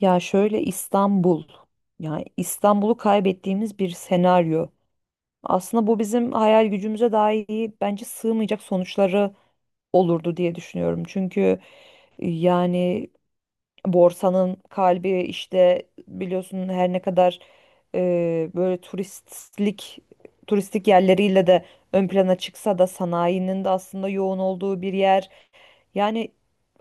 Ya şöyle İstanbul. Yani İstanbul'u kaybettiğimiz bir senaryo. Aslında bu bizim hayal gücümüze dahi bence sığmayacak sonuçları olurdu diye düşünüyorum. Çünkü yani borsanın kalbi işte biliyorsun her ne kadar böyle turistik yerleriyle de ön plana çıksa da sanayinin de aslında yoğun olduğu bir yer. Yani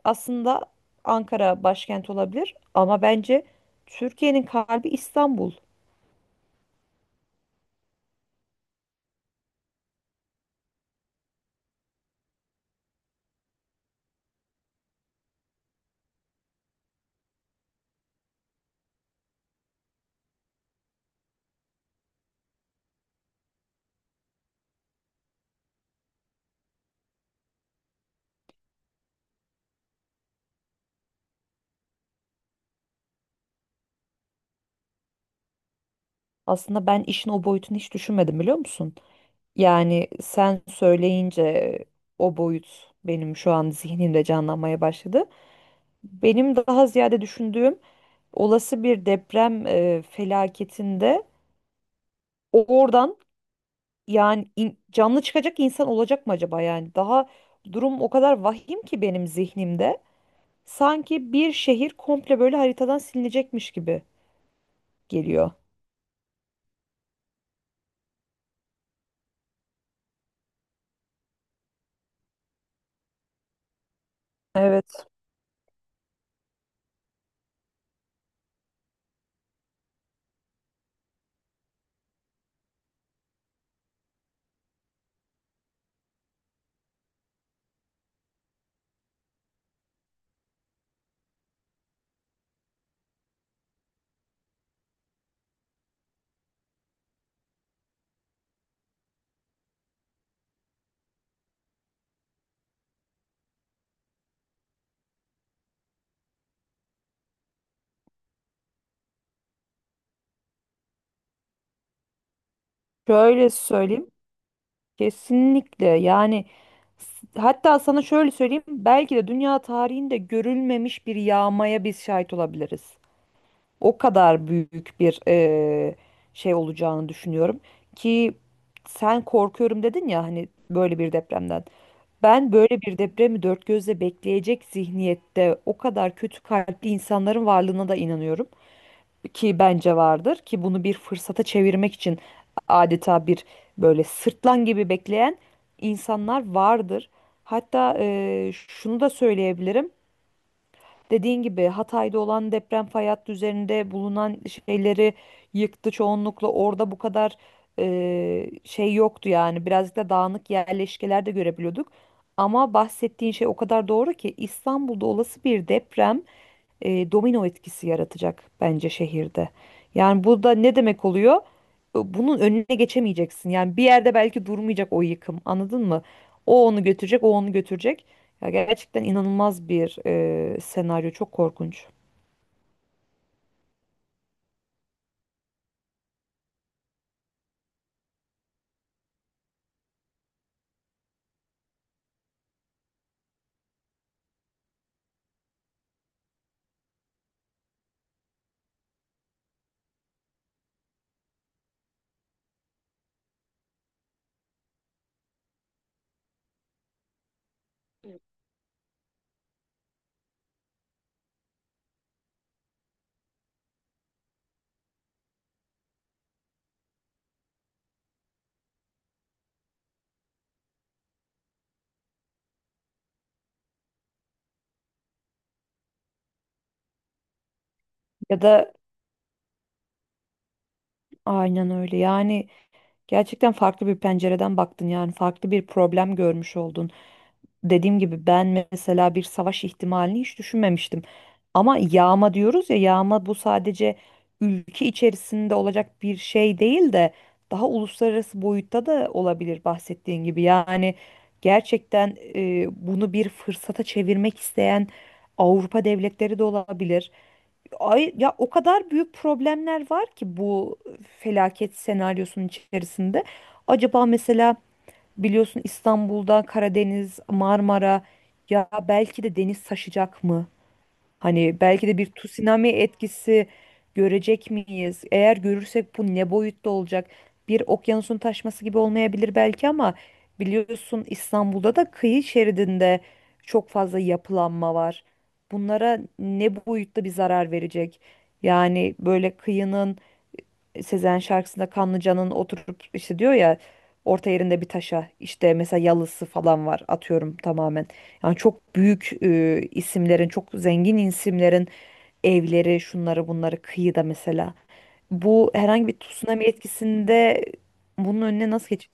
aslında Ankara başkent olabilir ama bence Türkiye'nin kalbi İstanbul. Aslında ben işin o boyutunu hiç düşünmedim, biliyor musun? Yani sen söyleyince o boyut benim şu an zihnimde canlanmaya başladı. Benim daha ziyade düşündüğüm, olası bir deprem felaketinde oradan yani canlı çıkacak insan olacak mı acaba yani? Daha durum o kadar vahim ki benim zihnimde. Sanki bir şehir komple böyle haritadan silinecekmiş gibi geliyor. Evet. Şöyle söyleyeyim. Kesinlikle, yani hatta sana şöyle söyleyeyim. Belki de dünya tarihinde görülmemiş bir yağmaya biz şahit olabiliriz. O kadar büyük bir şey olacağını düşünüyorum. Ki sen korkuyorum dedin ya hani böyle bir depremden. Ben böyle bir depremi dört gözle bekleyecek zihniyette, o kadar kötü kalpli insanların varlığına da inanıyorum. Ki bence vardır, ki bunu bir fırsata çevirmek için adeta bir böyle sırtlan gibi bekleyen insanlar vardır. Hatta şunu da söyleyebilirim. Dediğin gibi Hatay'da olan deprem fay hattı üzerinde bulunan şeyleri yıktı çoğunlukla. Orada bu kadar şey yoktu yani. Birazcık da dağınık yerleşkeler de görebiliyorduk. Ama bahsettiğin şey o kadar doğru ki İstanbul'da olası bir deprem domino etkisi yaratacak bence şehirde. Yani bu da ne demek oluyor? Bunun önüne geçemeyeceksin. Yani bir yerde belki durmayacak o yıkım. Anladın mı? O onu götürecek, o onu götürecek. Ya gerçekten inanılmaz bir senaryo. Çok korkunç. Ya da aynen öyle. Yani gerçekten farklı bir pencereden baktın, yani farklı bir problem görmüş oldun. Dediğim gibi ben mesela bir savaş ihtimalini hiç düşünmemiştim. Ama yağma diyoruz ya, yağma bu sadece ülke içerisinde olacak bir şey değil de daha uluslararası boyutta da olabilir bahsettiğin gibi. Yani gerçekten bunu bir fırsata çevirmek isteyen Avrupa devletleri de olabilir. Ay ya, o kadar büyük problemler var ki bu felaket senaryosunun içerisinde. Acaba mesela biliyorsun İstanbul'da Karadeniz, Marmara, ya belki de deniz taşacak mı? Hani belki de bir tsunami etkisi görecek miyiz? Eğer görürsek bu ne boyutta olacak? Bir okyanusun taşması gibi olmayabilir belki, ama biliyorsun İstanbul'da da kıyı şeridinde çok fazla yapılanma var. Bunlara ne boyutta bir zarar verecek? Yani böyle kıyının, Sezen şarkısında Kanlıca'nın oturup işte diyor ya orta yerinde bir taşa, işte mesela yalısı falan var atıyorum tamamen. Yani çok büyük isimlerin, çok zengin isimlerin evleri, şunları bunları kıyıda mesela. Bu herhangi bir tsunami etkisinde bunun önüne nasıl geçecek?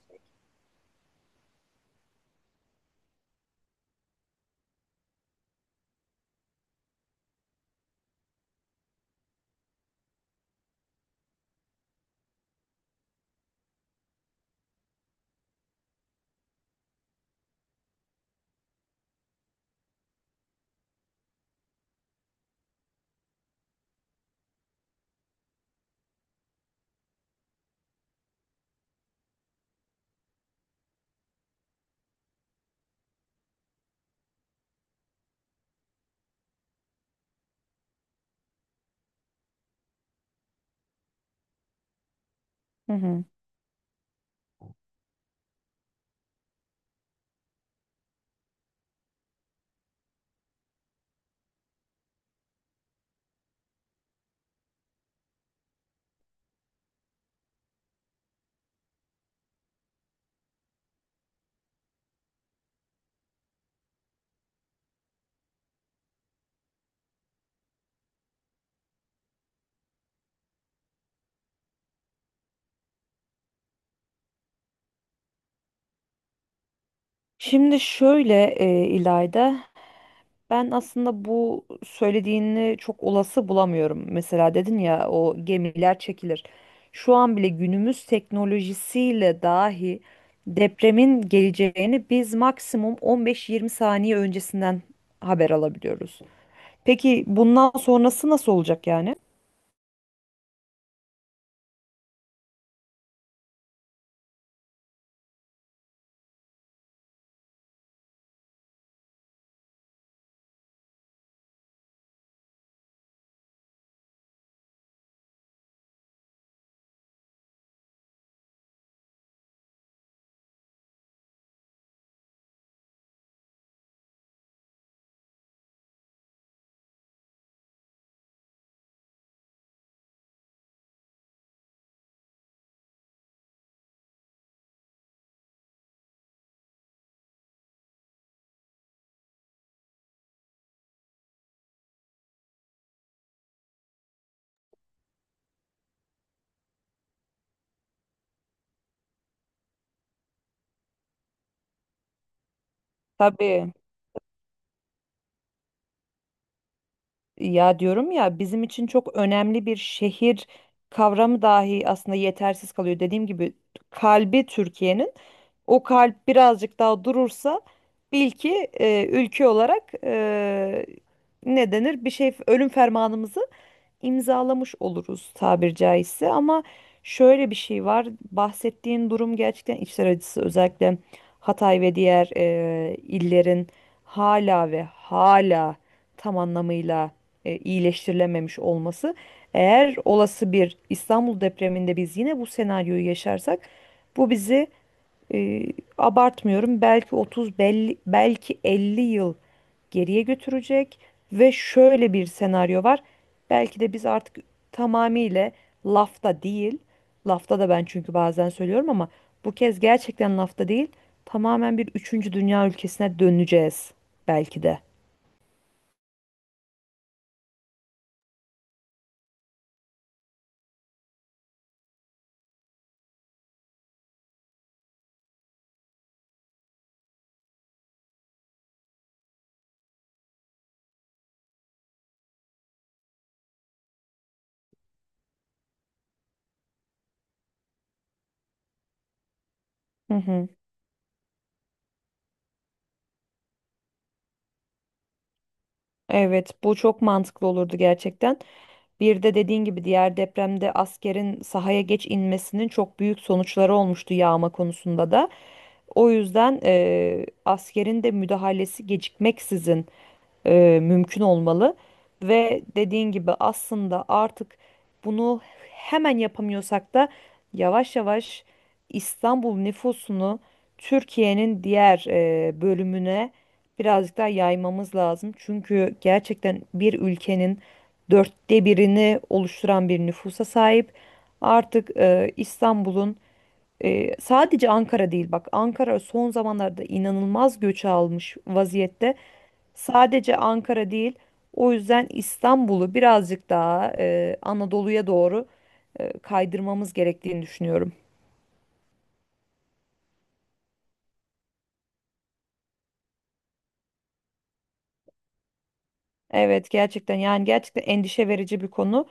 Hı hı. Şimdi şöyle İlayda, ben aslında bu söylediğini çok olası bulamıyorum. Mesela dedin ya, o gemiler çekilir. Şu an bile günümüz teknolojisiyle dahi depremin geleceğini biz maksimum 15-20 saniye öncesinden haber alabiliyoruz. Peki bundan sonrası nasıl olacak yani? Tabii. Ya diyorum ya, bizim için çok önemli bir şehir kavramı dahi aslında yetersiz kalıyor. Dediğim gibi, kalbi Türkiye'nin, o kalp birazcık daha durursa bil ki ülke olarak ne denir bir şey, ölüm fermanımızı imzalamış oluruz tabir caizse. Ama şöyle bir şey var, bahsettiğin durum gerçekten içler acısı, özellikle Hatay ve diğer illerin hala ve hala tam anlamıyla iyileştirilememiş olması. Eğer olası bir İstanbul depreminde biz yine bu senaryoyu yaşarsak, bu bizi e, abartmıyorum belki 30 belli, belki 50 yıl geriye götürecek. Ve şöyle bir senaryo var. Belki de biz artık tamamıyla lafta değil, lafta da ben çünkü bazen söylüyorum ama bu kez gerçekten lafta değil, tamamen bir üçüncü dünya ülkesine döneceğiz belki de. Hı hı. Evet, bu çok mantıklı olurdu gerçekten. Bir de dediğin gibi diğer depremde askerin sahaya geç inmesinin çok büyük sonuçları olmuştu yağma konusunda da. O yüzden askerin de müdahalesi gecikmeksizin mümkün olmalı. Ve dediğin gibi aslında artık bunu hemen yapamıyorsak da yavaş yavaş İstanbul nüfusunu Türkiye'nin diğer bölümüne birazcık daha yaymamız lazım. Çünkü gerçekten bir ülkenin dörtte birini oluşturan bir nüfusa sahip. Artık İstanbul'un, sadece Ankara değil, bak Ankara son zamanlarda inanılmaz göç almış vaziyette. Sadece Ankara değil, o yüzden İstanbul'u birazcık daha Anadolu'ya doğru kaydırmamız gerektiğini düşünüyorum. Evet, gerçekten yani gerçekten endişe verici bir konu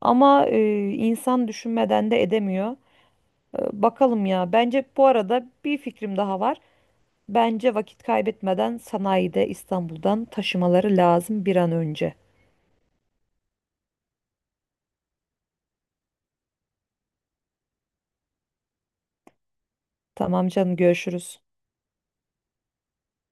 ama insan düşünmeden de edemiyor. Bakalım ya. Bence bu arada bir fikrim daha var. Bence vakit kaybetmeden sanayide İstanbul'dan taşımaları lazım bir an önce. Tamam canım, görüşürüz.